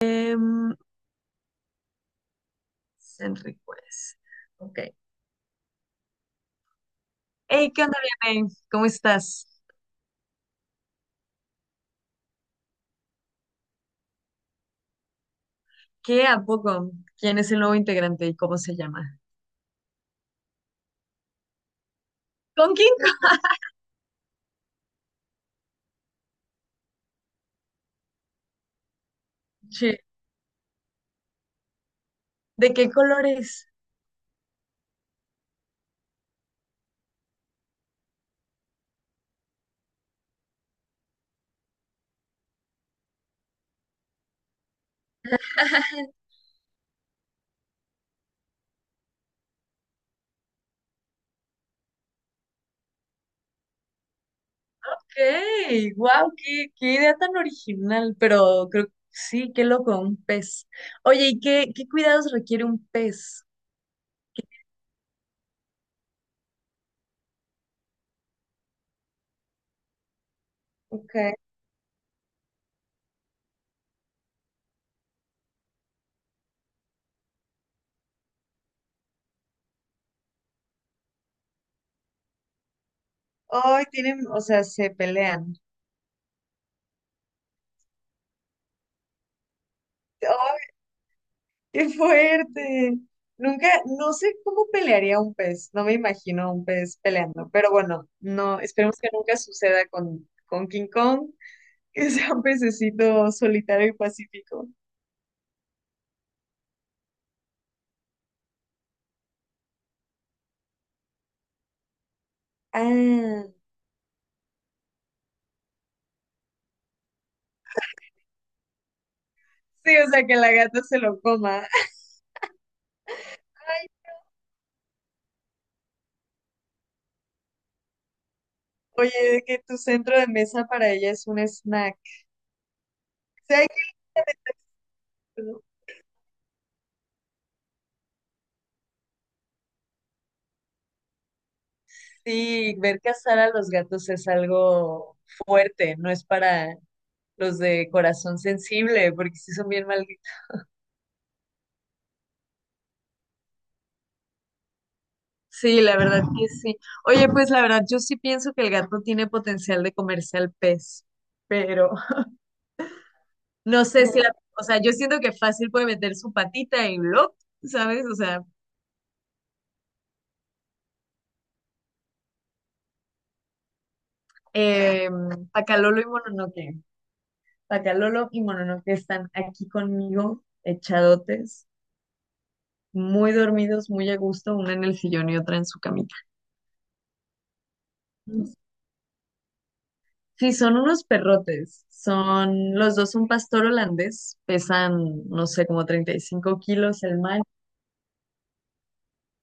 Em, Enríquez. Ok. Hey, ¿qué onda, Vianey? ¿Cómo estás? ¿Qué a poco? ¿Quién es el nuevo integrante y cómo se llama? ¿Con quién? Sí. ¿De qué colores? Ok, wow, qué idea tan original, pero creo que sí, qué loco, un pez. Oye, ¿y qué cuidados requiere un pez? Ok. Ay, tienen, o sea, se pelean. ¡Qué fuerte! Nunca, no sé cómo pelearía un pez, no me imagino a un pez peleando, pero bueno, no, esperemos que nunca suceda con King Kong, que sea un pececito solitario y pacífico. Ah, sí, o sea, que la gata se lo coma. Oye, de que tu centro de mesa para ella es un snack. Sí, sí, ver cazar a los gatos es algo fuerte, no es para los de corazón sensible, porque sí son bien mal. Sí, la verdad que sí. Oye, pues la verdad, yo sí pienso que el gato tiene potencial de comerse al pez, pero no sé si la, o sea, yo siento que fácil puede meter su patita y lo, ¿sabes? O sea, eh, Pacalolo y Mononoke. Pacalolo y Mononoke están aquí conmigo, echadotes, muy dormidos, muy a gusto, una en el sillón y otra en su camita. Sí, son unos perrotes. Son, los dos son pastor holandés, pesan, no sé, como 35 kilos el macho.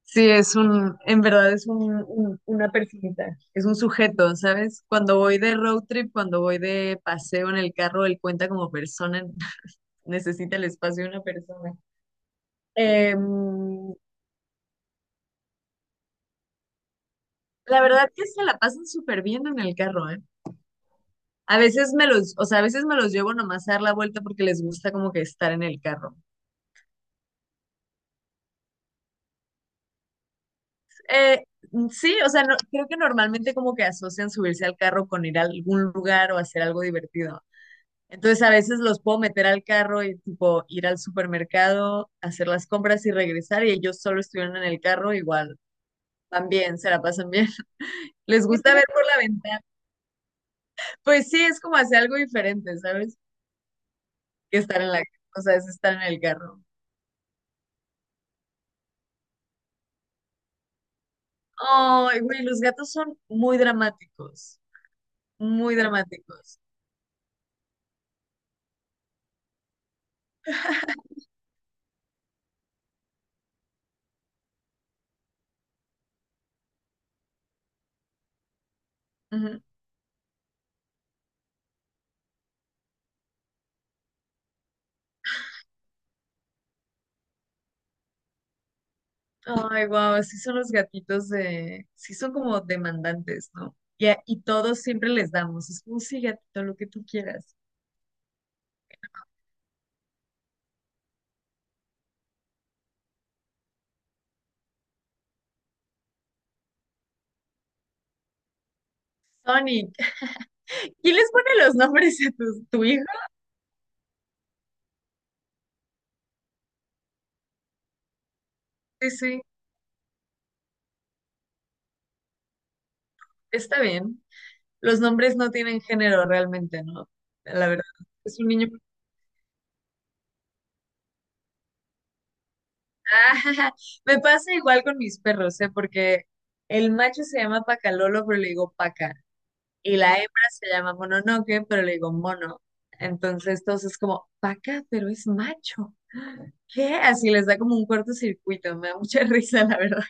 Sí, es un, en verdad es un, una personita, es un sujeto, ¿sabes? Cuando voy de paseo en el carro, él cuenta como persona, necesita el espacio de una persona. Em, la verdad que se la pasan súper bien en el carro, ¿eh? A veces me los, o sea, a veces me los llevo nomás a dar la vuelta porque les gusta como que estar en el carro. Eh, sí, o sea, creo que normalmente como que asocian subirse al carro con ir a algún lugar o hacer algo divertido. Entonces a veces los puedo meter al carro y tipo ir al supermercado, hacer las compras y regresar y ellos solo estuvieron en el carro, igual van bien, se la pasan bien. Les gusta ver por la ventana. Pues sí, es como hacer algo diferente, ¿sabes? Que estar en la, o sea, es estar en el carro. Ay, güey, los gatos son muy dramáticos, muy dramáticos. Ujú. Ay, wow, sí son los gatitos de, sí son como demandantes, ¿no? Y, y todos siempre les damos, es como sí, gatito, lo que tú quieras. Sonic, ¿quién les pone los nombres a tu, hijo? Sí, sí, está bien. Los nombres no tienen género realmente, ¿no? La verdad, es un niño. Ah, me pasa igual con mis perros, ¿eh? Porque el macho se llama Pacalolo, pero le digo Paca. Y la hembra se llama Mononoke, pero le digo Mono. Entonces, todos es como, Paca, pero es macho. ¿Qué? Así les da como un cortocircuito. Me da mucha risa, la verdad.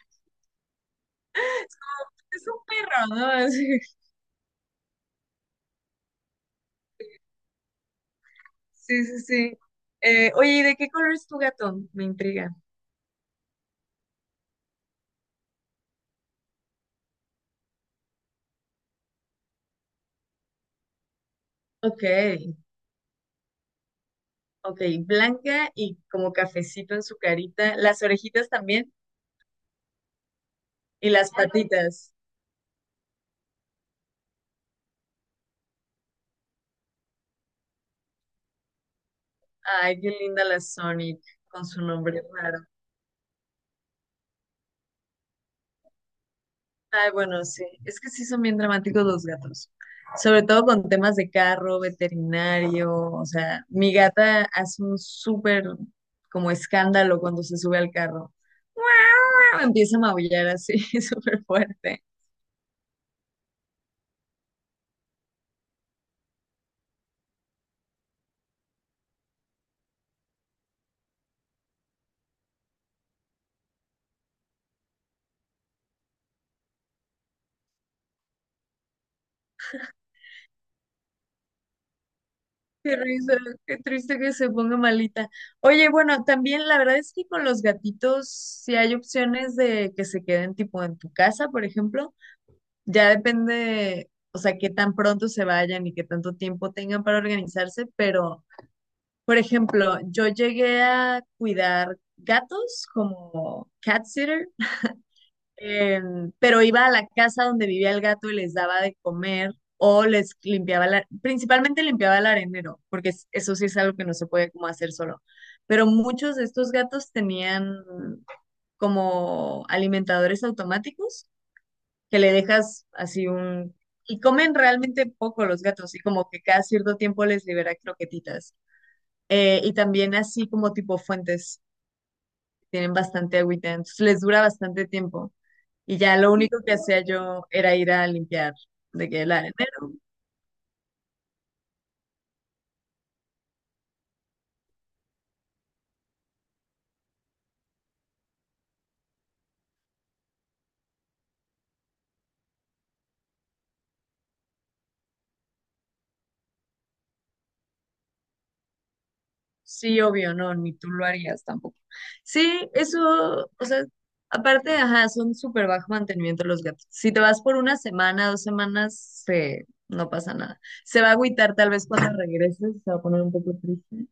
Es un perro, ¿no? Sí, sí, sí. Oye, ¿y de qué color es tu gato? Me intriga. Ok, ok, blanca y como cafecito en su carita, las orejitas también y las patitas. Ay, qué linda la Sonic con su nombre raro. Ay, bueno, sí, es que sí son bien dramáticos los gatos, sobre todo con temas de carro, veterinario, o sea, mi gata hace un súper como escándalo cuando se sube al carro. ¡Ah! Empieza a maullar así, súper fuerte. Qué risa, qué triste que se ponga malita. Oye, bueno, también la verdad es que con los gatitos, si hay opciones de que se queden tipo en tu casa, por ejemplo, ya depende, o sea, qué tan pronto se vayan y qué tanto tiempo tengan para organizarse, pero, por ejemplo, yo llegué a cuidar gatos como cat sitter. Pero iba a la casa donde vivía el gato y les daba de comer o les limpiaba, principalmente limpiaba el arenero, porque eso sí es algo que no se puede como hacer solo. Pero muchos de estos gatos tenían como alimentadores automáticos que le dejas así un. Y comen realmente poco los gatos y como que cada cierto tiempo les libera croquetitas. Y también así como tipo fuentes, tienen bastante agüita, entonces les dura bastante tiempo. Y ya lo único que hacía yo era ir a limpiar de que el arenero. Sí, obvio, no, ni tú lo harías tampoco. Sí, eso, o sea, aparte, ajá, son súper bajo mantenimiento los gatos. Si te vas por una semana, dos semanas, se, no pasa nada. Se va a agüitar tal vez cuando regreses, se va a poner un poco triste.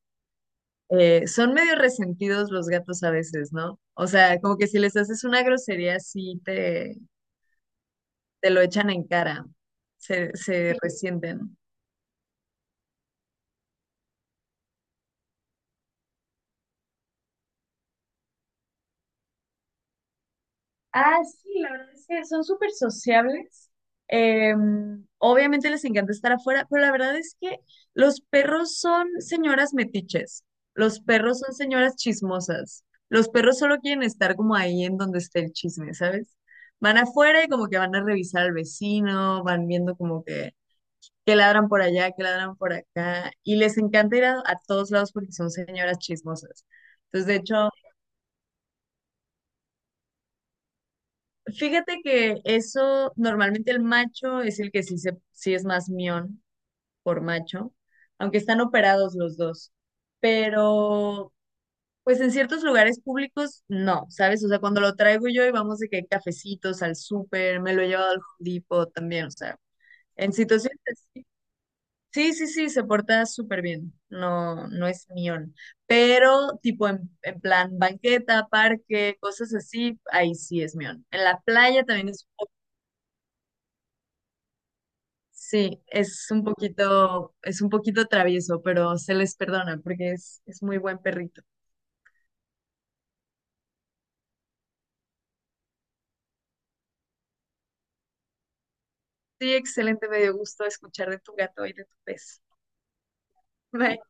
Son medio resentidos los gatos a veces, ¿no? O sea, como que si les haces una grosería, sí te lo echan en cara, se, sí, resienten. Ah, sí, la verdad es que son súper sociables. Eh, obviamente les encanta estar afuera, pero la verdad es que los perros son señoras metiches, los perros son señoras chismosas, los perros solo quieren estar como ahí en donde esté el chisme, ¿sabes? Van afuera y como que van a revisar al vecino, van viendo como que ladran por allá, que ladran por acá, y les encanta ir a todos lados porque son señoras chismosas. Entonces, de hecho, fíjate que eso, normalmente el macho es el que sí, sí es más mión por macho, aunque están operados los dos. Pero, pues en ciertos lugares públicos, no, ¿sabes? O sea, cuando lo traigo yo y vamos de que hay cafecitos al súper, me lo he llevado al Home Depot también, o sea, en situaciones así. Sí, sí, sí, se porta súper bien, no, no es mión. Pero, tipo, en, plan banqueta, parque, cosas así, ahí sí es mión. En la playa también es. Sí, es un poquito travieso, pero se les perdona porque es muy buen perrito. Sí, excelente, me dio gusto escuchar de tu gato y de tu pez. Bye.